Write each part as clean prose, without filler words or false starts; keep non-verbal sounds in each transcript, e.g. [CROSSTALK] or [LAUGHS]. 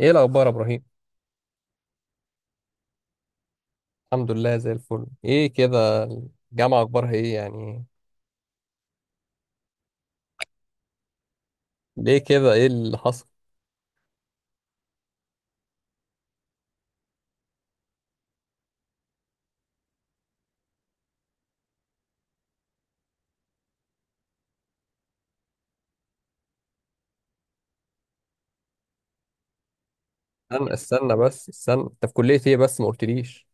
ايه الاخبار يا ابراهيم؟ الحمد لله زي الفل، ايه كده؟ الجامعه اخبارها ايه يعني؟ ليه كده، ايه اللي حصل؟ استنى استنى بس استنى، انت في كليه ايه؟ بس ما قلتليش.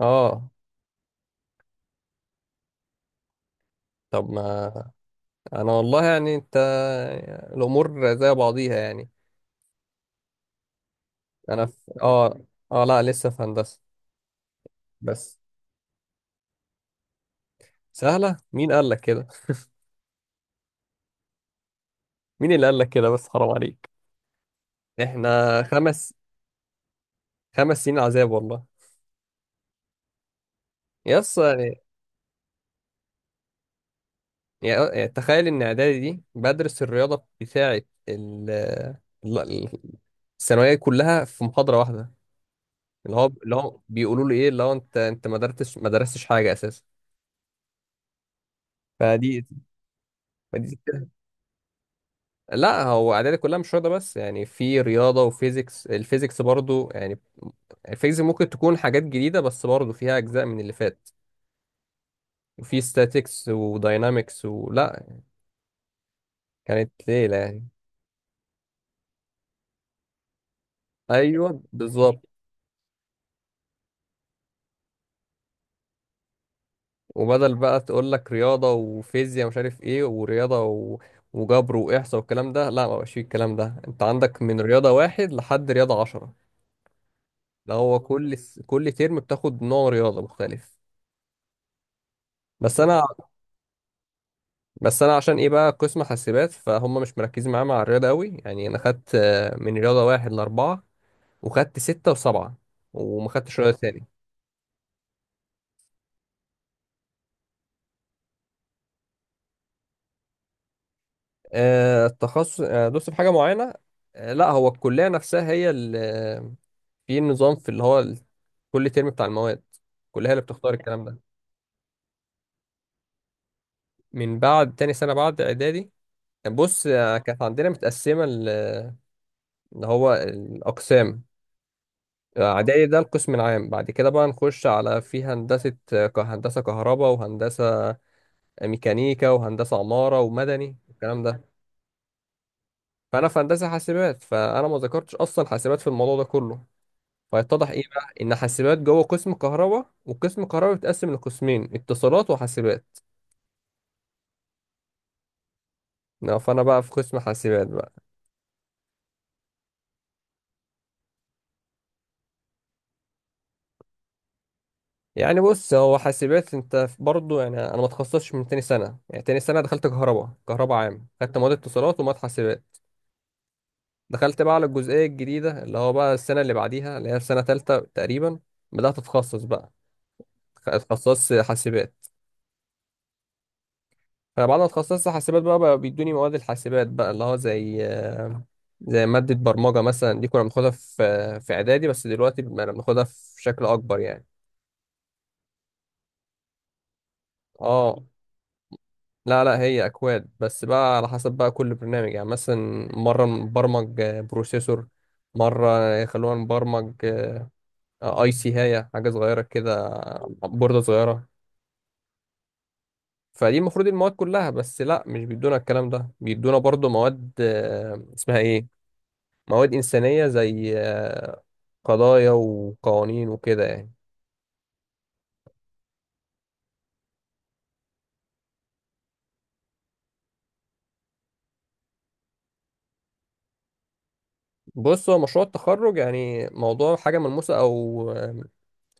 اه، طب ما... انا والله يعني، انت... الامور زي بعضيها يعني. انا في اه، لا لسه في هندسه. بس... سهله، مين قال لك كده؟ [LAUGHS] مين اللي قال لك كده، بس حرام عليك. احنا خمس 5 سنين عذاب والله. يس يعني. يعني تخيل ان اعدادي دي بدرس الرياضه بتاعه ال- ال- ال- الثانويه كلها في محاضره واحده. اللي هو بيقولوا لي ايه، اللي هو انت ما درستش حاجه اساسا. فدي فدي لا، هو اعدادي كلها مش رياضه بس، يعني في رياضه وفيزيكس، الفيزيكس برضو يعني الفيزيكس ممكن تكون حاجات جديده بس برضو فيها اجزاء من اللي فات. وفي statics وداينامكس ولا... كانت ليله يعني. ايوه بالظبط. وبدل بقى تقول لك رياضة وفيزياء مش عارف ايه، ورياضة و... وجبر وإحصاء والكلام ده، لا ما بقاش فيه الكلام ده، انت عندك من رياضة واحد لحد رياضة 10. ده هو كل كل ترم بتاخد نوع رياضة مختلف. بس انا بس انا عشان ايه بقى قسم حاسبات، فهم مش مركزين معايا مع الرياضة قوي يعني. انا خدت من رياضة واحد لأربعة، وخدت ستة وسبعة، وما خدتش رياضة تاني. التخصص، دوست في حاجة معينة. لا هو الكلية نفسها هي اللي... في نظام، في اللي هو كل ترم بتاع المواد الكلية هي اللي بتختار الكلام ده. من بعد تاني سنة بعد إعدادي، بص كانت عندنا متقسمة اللي هو الأقسام. إعدادي ده القسم العام، بعد كده بقى نخش على في هندسة، هندسة كهرباء وهندسة ميكانيكا وهندسة عمارة ومدني والكلام ده. فأنا في هندسة حاسبات، فأنا ما ذكرتش أصلا حاسبات في الموضوع ده كله. فيتضح ايه بقى، ان حاسبات جوه قسم كهرباء، وقسم كهرباء بيتقسم لقسمين: اتصالات وحاسبات. نعم، فانا بقى في قسم حاسبات بقى. يعني بص، هو حاسبات انت برضه يعني، انا ما اتخصصتش من تاني سنه، يعني تاني سنه دخلت كهرباء، كهرباء عام، خدت مواد اتصالات ومواد حاسبات. دخلت بقى على الجزئيه الجديده، اللي هو بقى السنه اللي بعديها، اللي هي في سنه تالته تقريبا. بدات اتخصص بقى. اتخصصت حاسبات. انا بعد ما اتخصصت حاسبات بقى، بيدوني مواد الحاسبات بقى، اللي هو زي زي مادة برمجة مثلا، دي كنا بناخدها في اعدادي، بس دلوقتي بقى بناخدها في شكل اكبر يعني. اه. لا لا، هي اكواد بس بقى على حسب بقى كل برنامج. يعني مثلا مرة نبرمج بروسيسور، مرة يخلونا نبرمج اي سي، هاية حاجة صغيرة كده، بوردة صغيرة. فدي المفروض المواد كلها، بس لا، مش بيدونا الكلام ده، بيدونا برضو مواد اسمها ايه، مواد إنسانية، زي قضايا وقوانين وكده يعني. بص، هو مشروع التخرج يعني موضوع حاجة ملموسة أو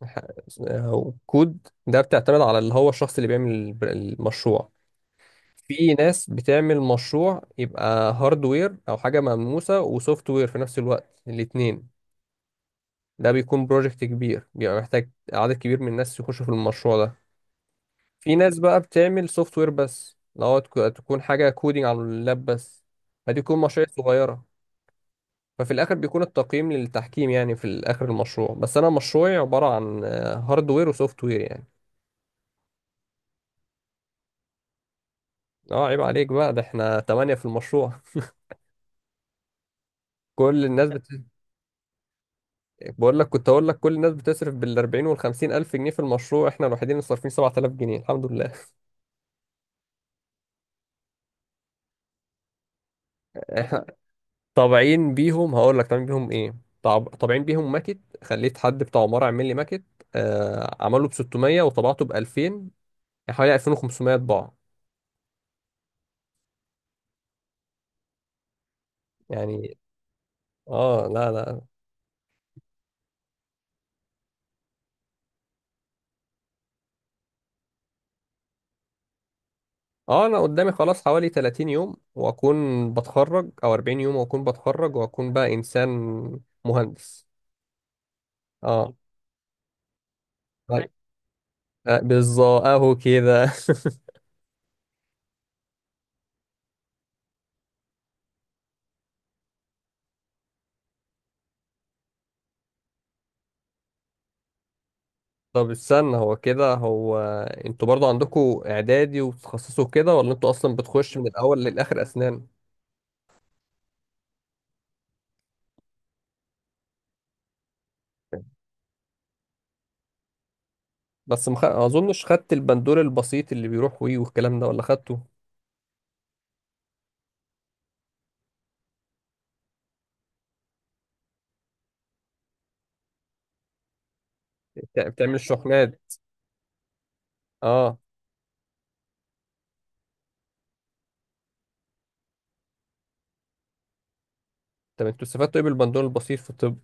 ح- أو كود، ده بتعتمد على اللي هو الشخص اللي بيعمل المشروع. في ناس بتعمل مشروع يبقى هاردوير أو حاجة ملموسة وسوفت وير في نفس الوقت، الاتنين. ده بيكون بروجكت كبير، بيبقى محتاج عدد كبير من الناس يخشوا في المشروع ده. في ناس بقى بتعمل سوفت وير بس، لو تكون حاجة كودينج على اللاب بس، فدي تكون مشاريع صغيرة. ففي الآخر بيكون التقييم للتحكيم يعني، في الآخر المشروع. بس أنا مشروعي عبارة عن هاردوير وسوفت وير يعني. اه، عيب عليك بقى، ده احنا تمانية في المشروع. [LAUGHS] كل الناس بت... بقول لك كنت أقول لك كل الناس بتصرف بالأربعين والخمسين ألف جنيه في المشروع، احنا الوحيدين اللي صارفين 7000 جنيه، الحمد لله. [LAUGHS] طابعين بيهم ايه، طابعين بيهم ماكت، خليت حد بتاع عمارة يعمل لي ماكت، آه عمله ب 600 وطبعته ب 2000، يعني حوالي 2500 طباعة يعني. اه، لا لا. اه، انا قدامي خلاص حوالي 30 يوم واكون بتخرج، او 40 يوم واكون بتخرج، واكون بقى انسان مهندس. اه، طيب. بالظبط اهو كده. [LAUGHS] طب استنى، هو كده، هو انتوا برضو عندكم اعدادي وتخصصوا كده، ولا انتوا اصلا بتخش من الاول للاخر اسنان؟ بس اظنش خدت البندول البسيط اللي بيروح وي والكلام ده، ولا خدته؟ بتعمل الشحنات دي. اه. طب انتوا استفدتوا ايه بالبندول البسيط في الطب؟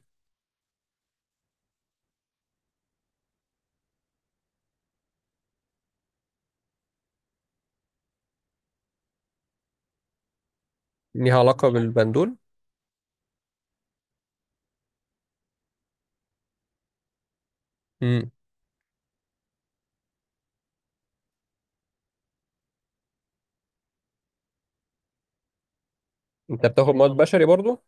ليها علاقة بالبندول. امم. انت بتاخد مواد بشري برضو؟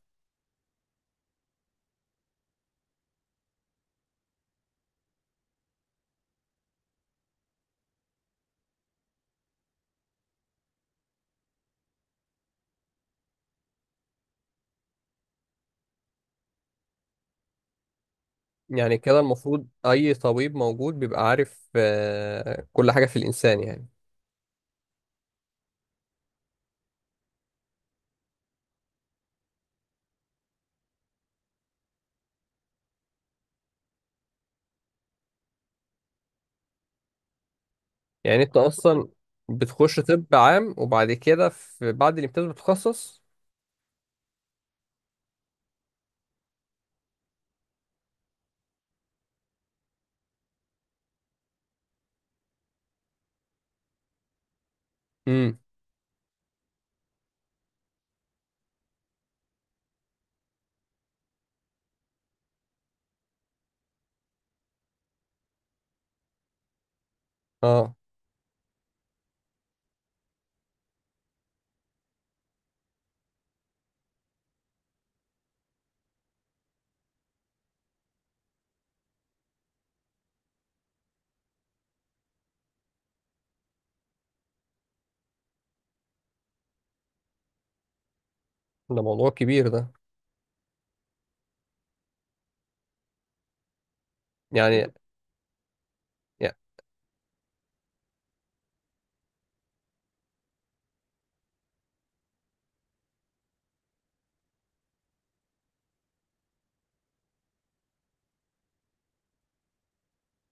يعني كده المفروض اي طبيب موجود بيبقى عارف كل حاجة في الانسان يعني. يعني انت اصلا بتخش طب عام، وبعد كده في بعد الامتياز بتتخصص؟ امم. اه. ده موضوع كبير ده. يعني يع-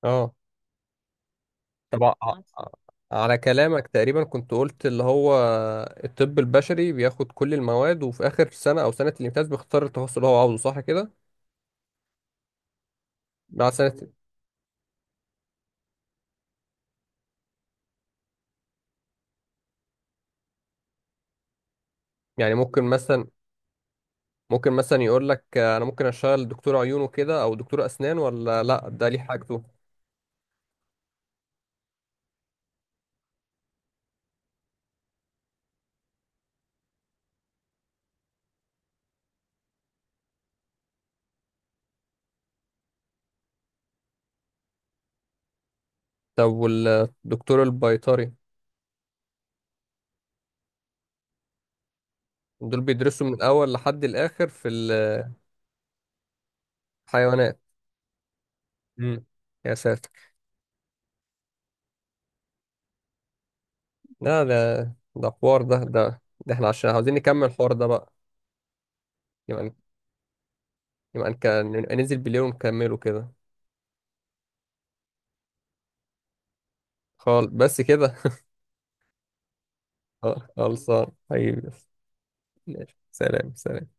اه، طب على كلامك تقريبا كنت قلت اللي هو الطب البشري بياخد كل المواد، وفي آخر سنة أو سنة الامتياز بيختار التخصص اللي هو عاوزه، صح كده؟ مع سنة. يعني ممكن مثلا... ممكن مثلا يقول لك أنا ممكن أشتغل دكتور عيون وكده، أو دكتور أسنان، ولا لأ، ده ليه حاجته؟ طب والدكتور البيطري؟ دول بيدرسوا من الأول لحد الآخر في الحيوانات. مم. يا ساتر. لا، ده... ده حوار، ده احنا عشان عاوزين نكمل الحوار ده بقى. يبقى يبقى نك- ننزل بالليل ونكمله كده. خال بس كده. [LAUGHS] خلصان حبيبي. ماشي، سلام سلام.